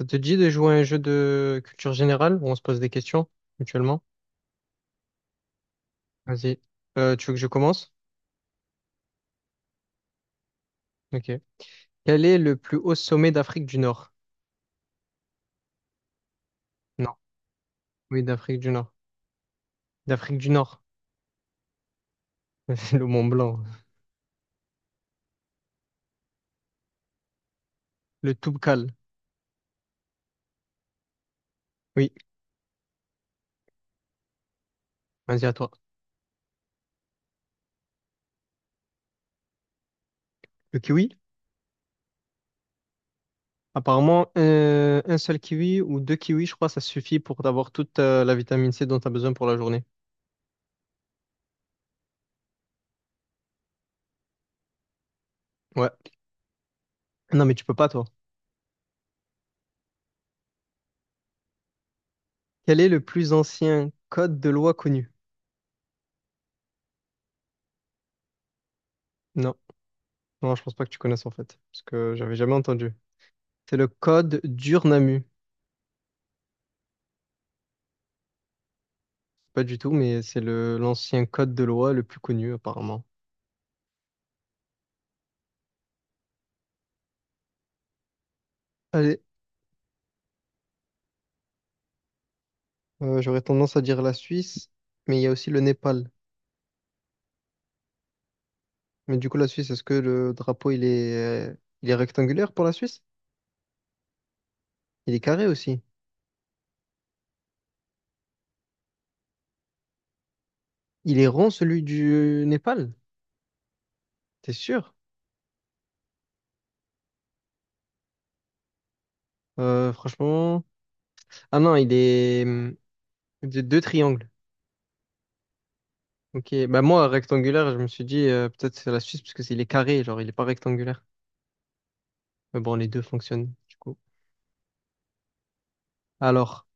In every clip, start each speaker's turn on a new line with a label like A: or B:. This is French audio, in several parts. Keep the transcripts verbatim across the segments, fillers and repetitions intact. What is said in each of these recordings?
A: Ça te dit de jouer à un jeu de culture générale où on se pose des questions mutuellement? Vas-y. Euh, tu veux que je commence? Ok. Quel est le plus haut sommet d'Afrique du Nord? Non. Oui, d'Afrique du Nord. D'Afrique du Nord. Le Mont Blanc. Le Toubkal. Oui. Vas-y, à toi. Le kiwi? Apparemment, euh, un seul kiwi ou deux kiwis, je crois, ça suffit pour avoir toute euh, la vitamine C dont tu as besoin pour la journée. Ouais. Non, mais tu peux pas, toi. Quel est le plus ancien code de loi connu? Non. Non, je pense pas que tu connaisses en fait, parce que j'avais jamais entendu. C'est le code d'Urnamu. Pas du tout, mais c'est le l'ancien code de loi le plus connu apparemment. Allez, euh, j'aurais tendance à dire la Suisse, mais il y a aussi le Népal. Mais du coup, la Suisse, est-ce que le drapeau, il est, euh, il est rectangulaire pour la Suisse? Il est carré aussi. Il est rond, celui du Népal? T'es sûr? Euh, franchement... Ah non, il est hum, de deux triangles. Ok, bah moi, rectangulaire, je me suis dit, euh, peut-être c'est la Suisse, parce que c'est- il est carré, genre, il est pas rectangulaire. Mais bon, les deux fonctionnent, du coup. Alors...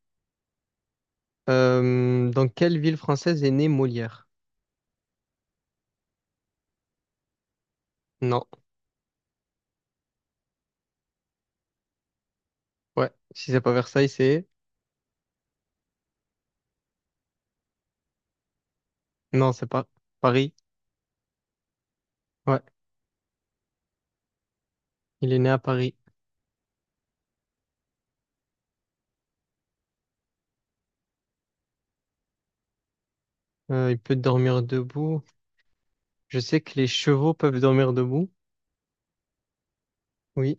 A: Euh, dans quelle ville française est né Molière? Non. Ouais. Si c'est pas Versailles, c'est... Non, c'est pas Paris. Ouais. Il est né à Paris. Euh, il peut dormir debout. Je sais que les chevaux peuvent dormir debout. Oui.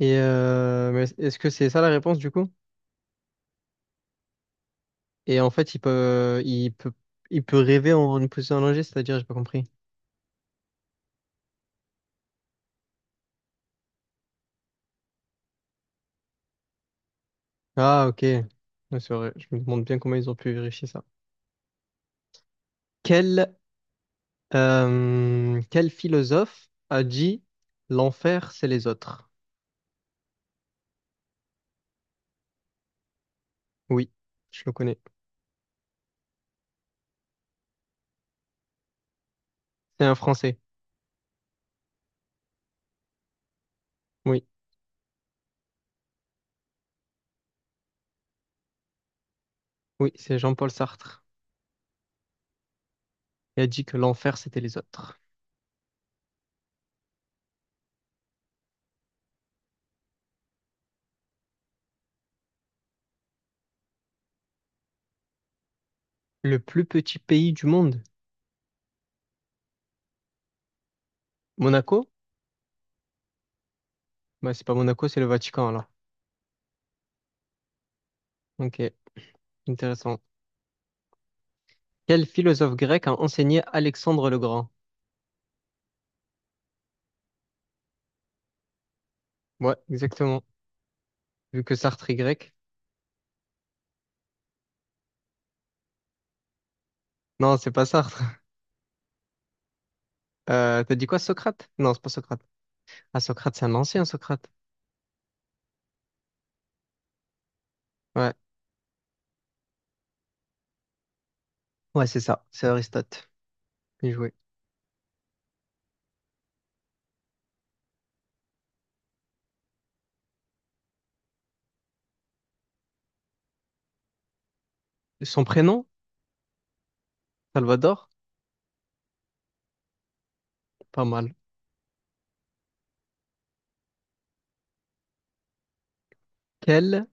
A: Et euh, mais est-ce que c'est ça la réponse du coup? Et en fait, il peut, il peut, il peut rêver en une position allongée, c'est-à-dire, j'ai pas compris. Ah, ok. Ouais, c'est vrai. Je me demande bien comment ils ont pu vérifier ça. Quel, euh, Quel philosophe a dit l'enfer, c'est les autres? Oui, je le connais. C'est un Français. Oui, oui, c'est Jean-Paul Sartre. Il a dit que l'enfer, c'était les autres. Le plus petit pays du monde. Monaco? Bah, c'est pas Monaco, c'est le Vatican, alors. Ok, intéressant. Quel philosophe grec a enseigné Alexandre le Grand? Ouais, exactement. Vu que Sartre est grec. Non, c'est pas Sartre. Euh, t'as dit quoi, Socrate? Non, c'est pas Socrate. Ah, Socrate, c'est un ancien Socrate. Ouais, ouais, c'est ça. C'est Aristote. Bien joué. Son prénom? Salvador? Pas mal. Quel?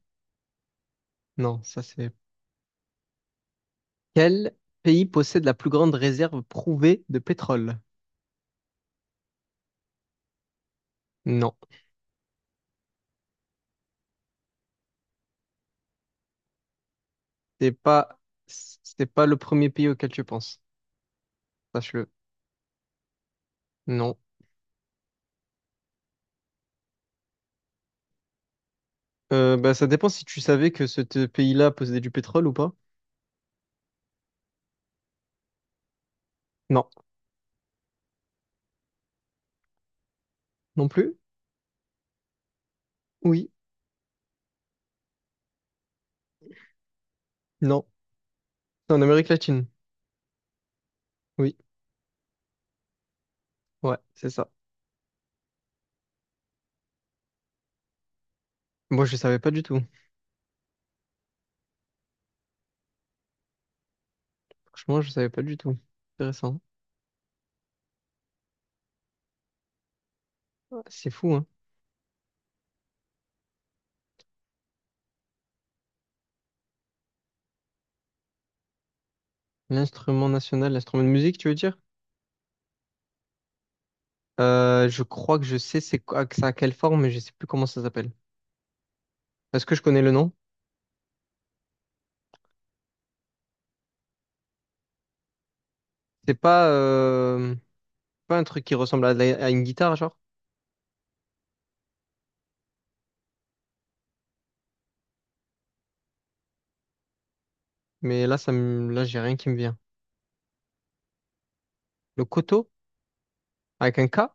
A: Non, ça c'est Quel pays possède la plus grande réserve prouvée de pétrole? Non, c'est pas c'est pas le premier pays auquel tu penses. Sache-le. Non. Euh, bah, ça dépend si tu savais que ce te- pays-là possédait du pétrole ou pas. Non. Non plus? Oui. Non. C'est en Amérique latine. Oui. Ouais, c'est ça. Moi, je savais pas du tout. Franchement, je savais pas du tout. Intéressant. Ouais, c'est fou, hein. L'instrument national, l'instrument de musique, tu veux dire? Euh, je crois que je sais c'est quoi, que ça a quelle forme, mais je sais plus comment ça s'appelle. Est-ce que je connais le nom? C'est pas, euh, pas un truc qui ressemble à, de la- à une guitare, genre. Mais là, ça me, là, j'ai rien qui me vient. Le koto, avec un ka,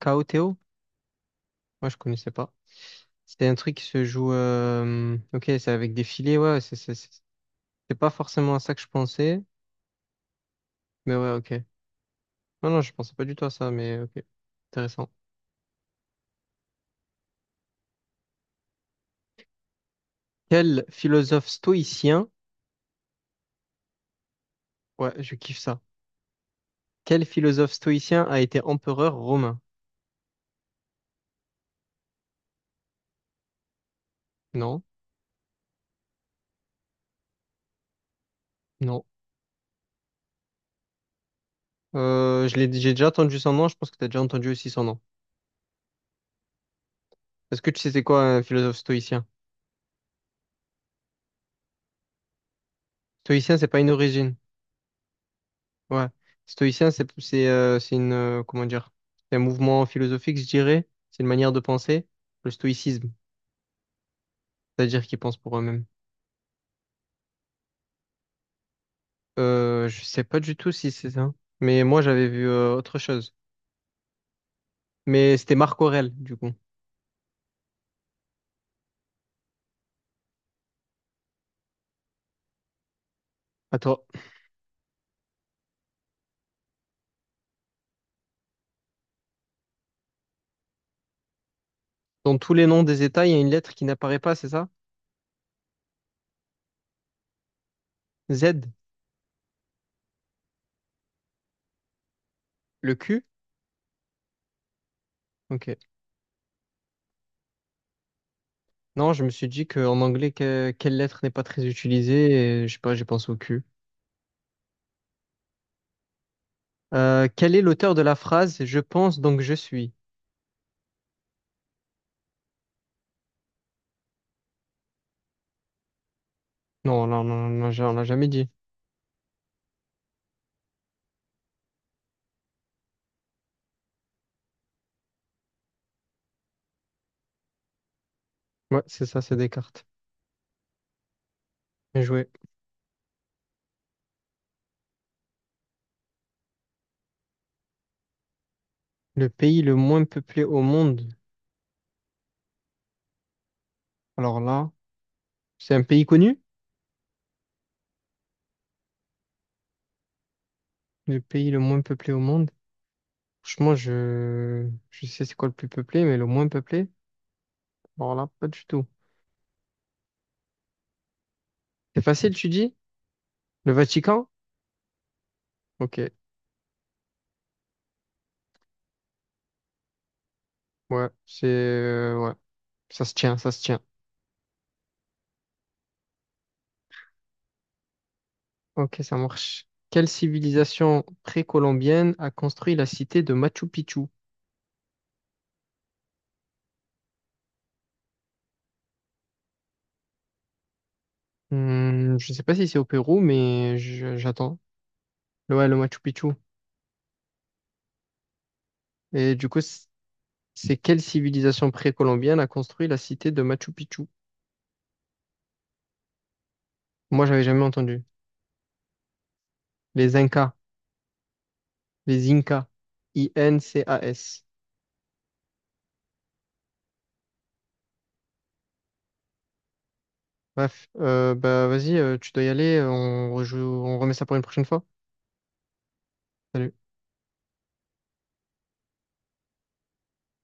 A: ka o té o. Moi, je connaissais pas. C'était un truc qui se joue. euh, Ok, c'est avec des filets, ouais. C'est c'est- c'est- c'est pas forcément à ça que je pensais. Mais ouais, ok. Non, non, je pensais pas du tout à ça, mais ok. Intéressant. Quel philosophe stoïcien. Ouais, je kiffe ça. Quel philosophe stoïcien a été empereur romain? Non, non. Euh, je l'ai, j'ai déjà entendu son nom, je pense que t'as déjà entendu aussi son nom. Est-ce que tu sais c'est quoi un philosophe stoïcien? Stoïcien, c'est pas une origine. Ouais. Stoïcien, c'est c'est euh, c'est une euh, comment dire? C'est un mouvement philosophique, je dirais. C'est une manière de penser. Le stoïcisme, c'est-à-dire qu'ils pensent pour eux-mêmes. Euh, je sais pas du tout si c'est ça. Mais moi, j'avais vu euh, autre chose. Mais c'était Marc Aurèle, du coup. Attends. Dans tous les noms des États, il y a une lettre qui n'apparaît pas, c'est ça? Z, le ku? Ok. Non, je me suis dit qu'en anglais, que- quelle lettre n'est pas très utilisée? Et, je sais pas, j'ai pensé au ku. Euh, quel est l'auteur de la phrase Je pense donc je suis? Non, non, non, non, on l'a jamais dit. Ouais, c'est ça, c'est Descartes. Bien joué. Le pays le moins peuplé au monde. Alors là, c'est un pays connu? Le pays le moins peuplé au monde. Franchement, je, je sais c'est quoi le plus peuplé, mais le moins peuplé? Alors là, pas du tout. C'est facile, tu dis? Le Vatican? Ok. Ouais, c'est, euh, ouais. Ça se tient, ça se tient. Ok, ça marche. Quelle civilisation précolombienne a construit la cité de Machu Picchu? Hmm, je sais pas si c'est au Pérou, mais je- j'attends. Ouais, le Machu Picchu. Et du coup, c- c'est quelle civilisation précolombienne a construit la cité de Machu Picchu? Moi, j'avais jamais entendu. Les Incas. Les Incas. i en cé a es. Bref, euh, bah vas-y, euh, tu dois y aller. On rejoue, on remet ça pour une prochaine fois. Salut.